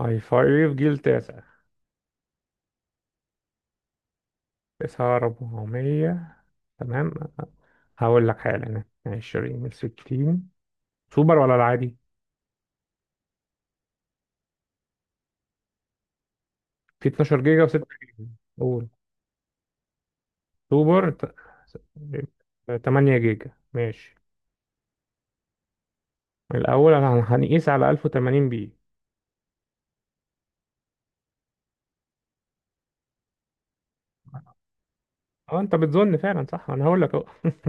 اي 5 جيل تاسع. 9400. تمام. هقول لك حالا. عشرين من ستين، سوبر ولا العادي؟ في 12 جيجا وستة جيجا. قول. سوبر تمانية جيجا ماشي. الأول أنا هنقيس على ألف وتمانين بي. أه أنت بتظن فعلا؟ صح، أنا هقول لك أهو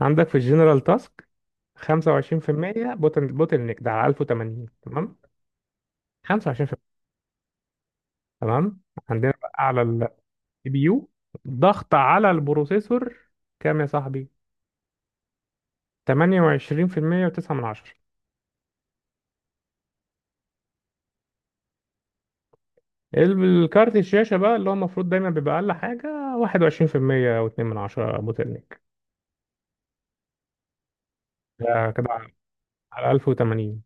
عندك في الجنرال تاسك 25%. بوتل نيك ده على ألف وتمانين، تمام. 25%. تمام. عندنا بقى على بيو ضغط على البروسيسور كام يا صاحبي. 28% و9 من عشرة. الكارت الشاشة بقى اللي هو المفروض دايما بيبقى أقل حاجة 21% أو 2 من عشرة أبو تلنك. ده كده على 1080،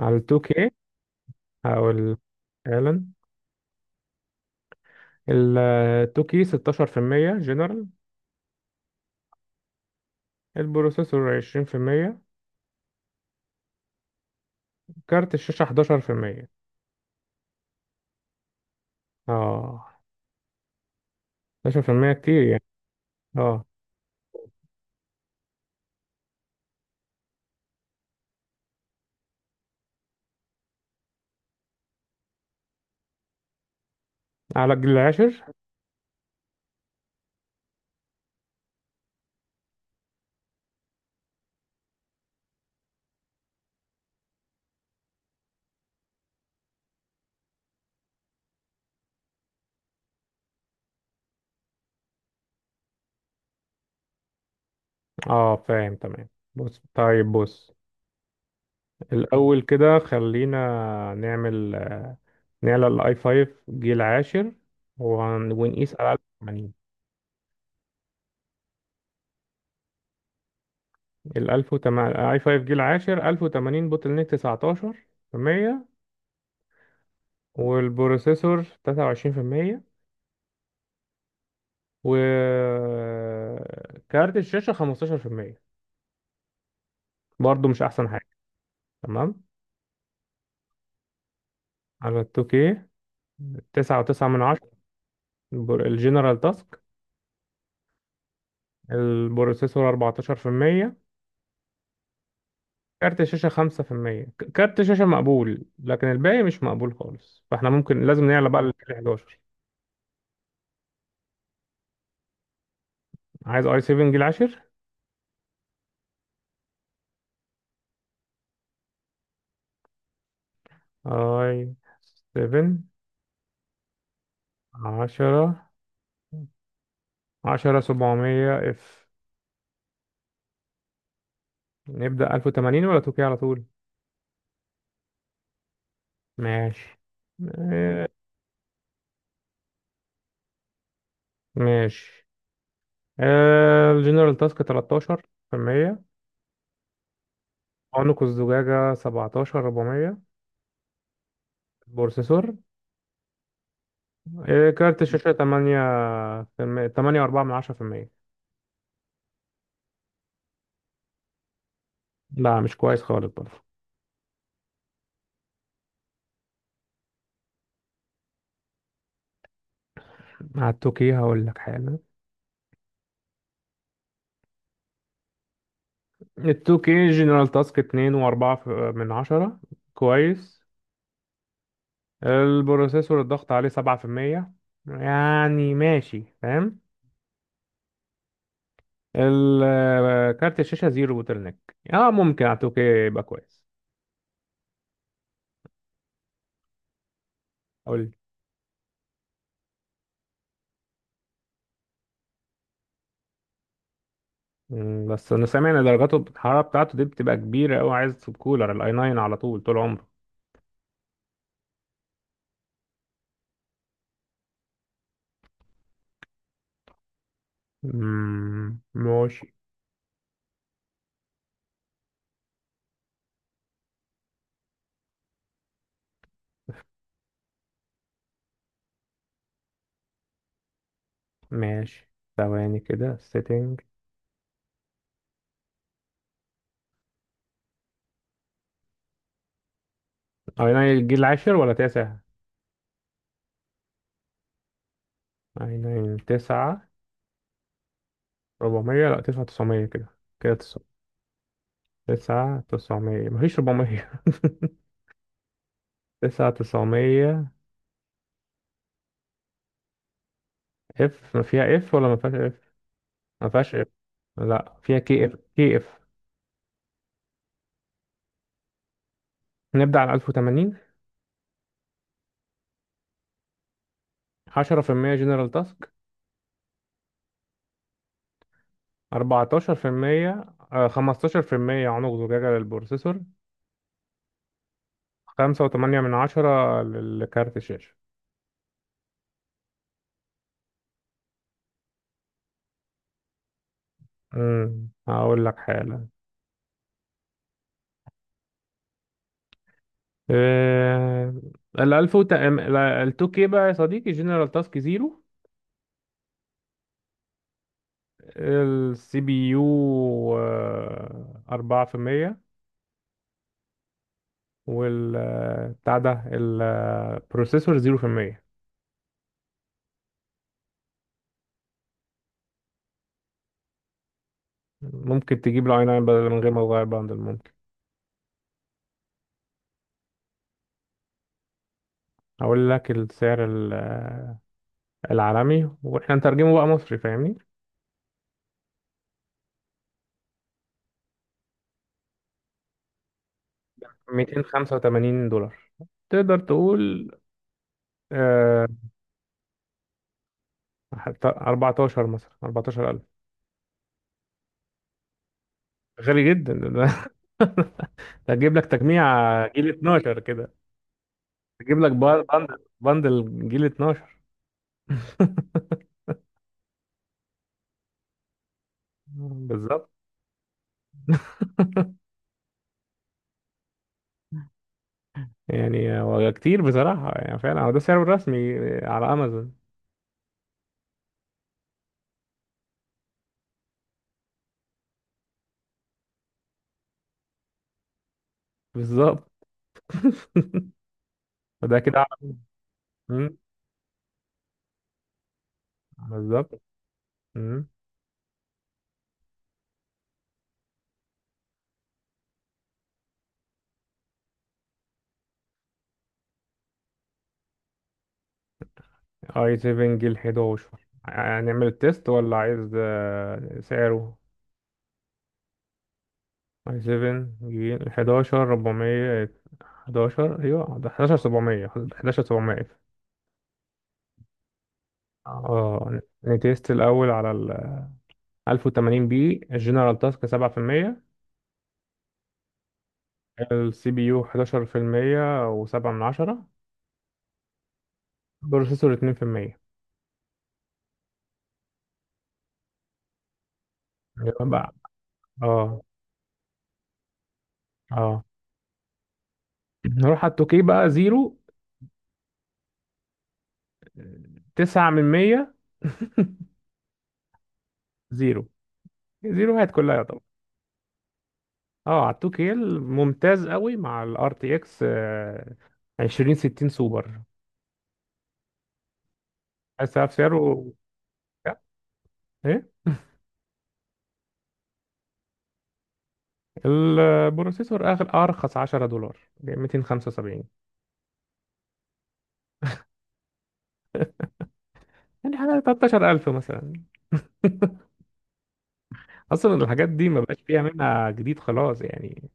على ال 2K أو ال، فعلا ال 2K 16% جنرال، البروسيسور 20%، كارت الشاشة 11%. اه. 11% كتير يعني. اه، على الجيل العاشر. اه فاهم، تمام. بص، طيب، بص. الأول كده خلينا نعمل، نعلى الآي 5 جيل عاشر ونقيس على 1080. ال 1080 اي 5 جيل عاشر 1080 بوتل نيك 19%، والبروسيسور 23%، وكارت الشاشة 15%. برضه مش أحسن حاجة. تمام. على ال 2K 9.9 من 10 الجنرال تاسك. البروسيسور 14%، كارت الشاشة 5%. كارت الشاشة مقبول، لكن الباقي مش مقبول خالص، فاحنا ممكن لازم نعلى بقى. طب لل 11. عايز اي 7 جيل 10. اي 7 10. 10700 اف. نبدأ 1080 ولا 2K على طول؟ ماشي. آه، ماشي. الجنرال تاسك 13 في المية، عنق الزجاجة 17400 بروسيسور، كارت الشاشة 8 في المية. 8 4 من 10 في المية. لا مش كويس خالص برضه. مع التوكي هقول لك حاجة. التوكي جنرال تاسك اتنين وأربعة من عشرة. كويس. البروسيسور الضغط عليه 7%، يعني ماشي، فاهم. كارت الشاشة زيرو بوتل نيك. اه ممكن على التوكي يبقى كويس. قول لي. بس انا سامع ان درجاته الحرارة بتاعته دي بتبقى كبيرة اوي. عايز تسيب كولر الاي 9 على طول طول عمره. مم، ماشي. ماشي ثواني كده سيتنج. اي 9. الجيل العاشر ولا تسعة؟ اي 9 تسعة 400. لا 9900 كده. كده 9 9900 مفيش 400. 9900 اف. ما فيها اف ولا ما فيهاش اف. ما فيهاش اف. لا فيها كي اف كي اف. نبدأ على 1080. 10% جنرال تاسك. 14%. 15% عنق زجاجة للبروسيسور. 5.8 من عشرة للكارت الشاشة. هقول لك حالا. آه، ال 1000، ال 2K بقى يا صديقي، جنرال تاسك 0. السي بي يو 4%، والبتاع ده البروسيسور زيرو في المية. ممكن تجيب له اي 9 بدل من غير ما تغير بندل، ممكن. هقول لك السعر، العالمي، واحنا نترجمه بقى مصري فاهمني. $285، تقدر تقول آه، حتى 14 مثلا، 14,000. غالي جدا ده هتجيب لك تجميع جيل 12 كده. تجيب لك بندل. بندل جيل 12 بالظبط. يعني هو كتير بصراحة. يعني فعلا هو ده سعره الرسمي على أمازون. بالظبط. فده كده أعلى. مم. بالظبط. مم. اي 7 جيل 11. هنعمل التيست ولا عايز سعره؟ اي 7 جيل 11400. 11 ايوه ده 11700. 11700. اه. نتيست الأول على ال 1080 بي. الجنرال تاسك 7%، السي بي يو 11% و7 من عشرة، بروسيسور 2%. يبقى بقى، اه اه، نروح على التوكي بقى زيرو. تسعة من مية زيرو، زيروهات كلها طبعا. اه على التوكي ممتاز قوي مع الار تي اكس 2060 سوبر. بس سعره ايه؟ البروسيسور اغلى ارخص $10 ب 275. يعني حاجه 13,000 مثلا. اصلا الحاجات دي ما بقاش فيها منها جديد خلاص يعني.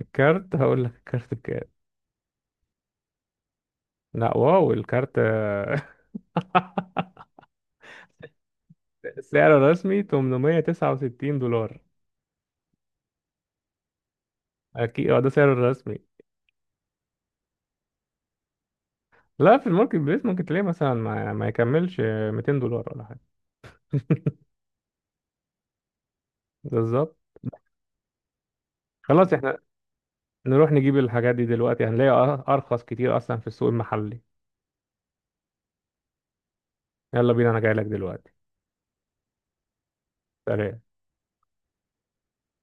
الكارت. هقول لك الكارت بكام. لا واو الكارت سعره الرسمي $869. اكيد، اه ده سعره الرسمي. لا في الماركت بليس ممكن تلاقيه مثلا ما يكملش $200 ولا حاجه بالظبط. خلاص احنا نروح نجيب الحاجات دي دلوقتي، هنلاقي ارخص كتير اصلا في السوق المحلي. يلا بينا، انا جاي لك دلوقتي. سلام.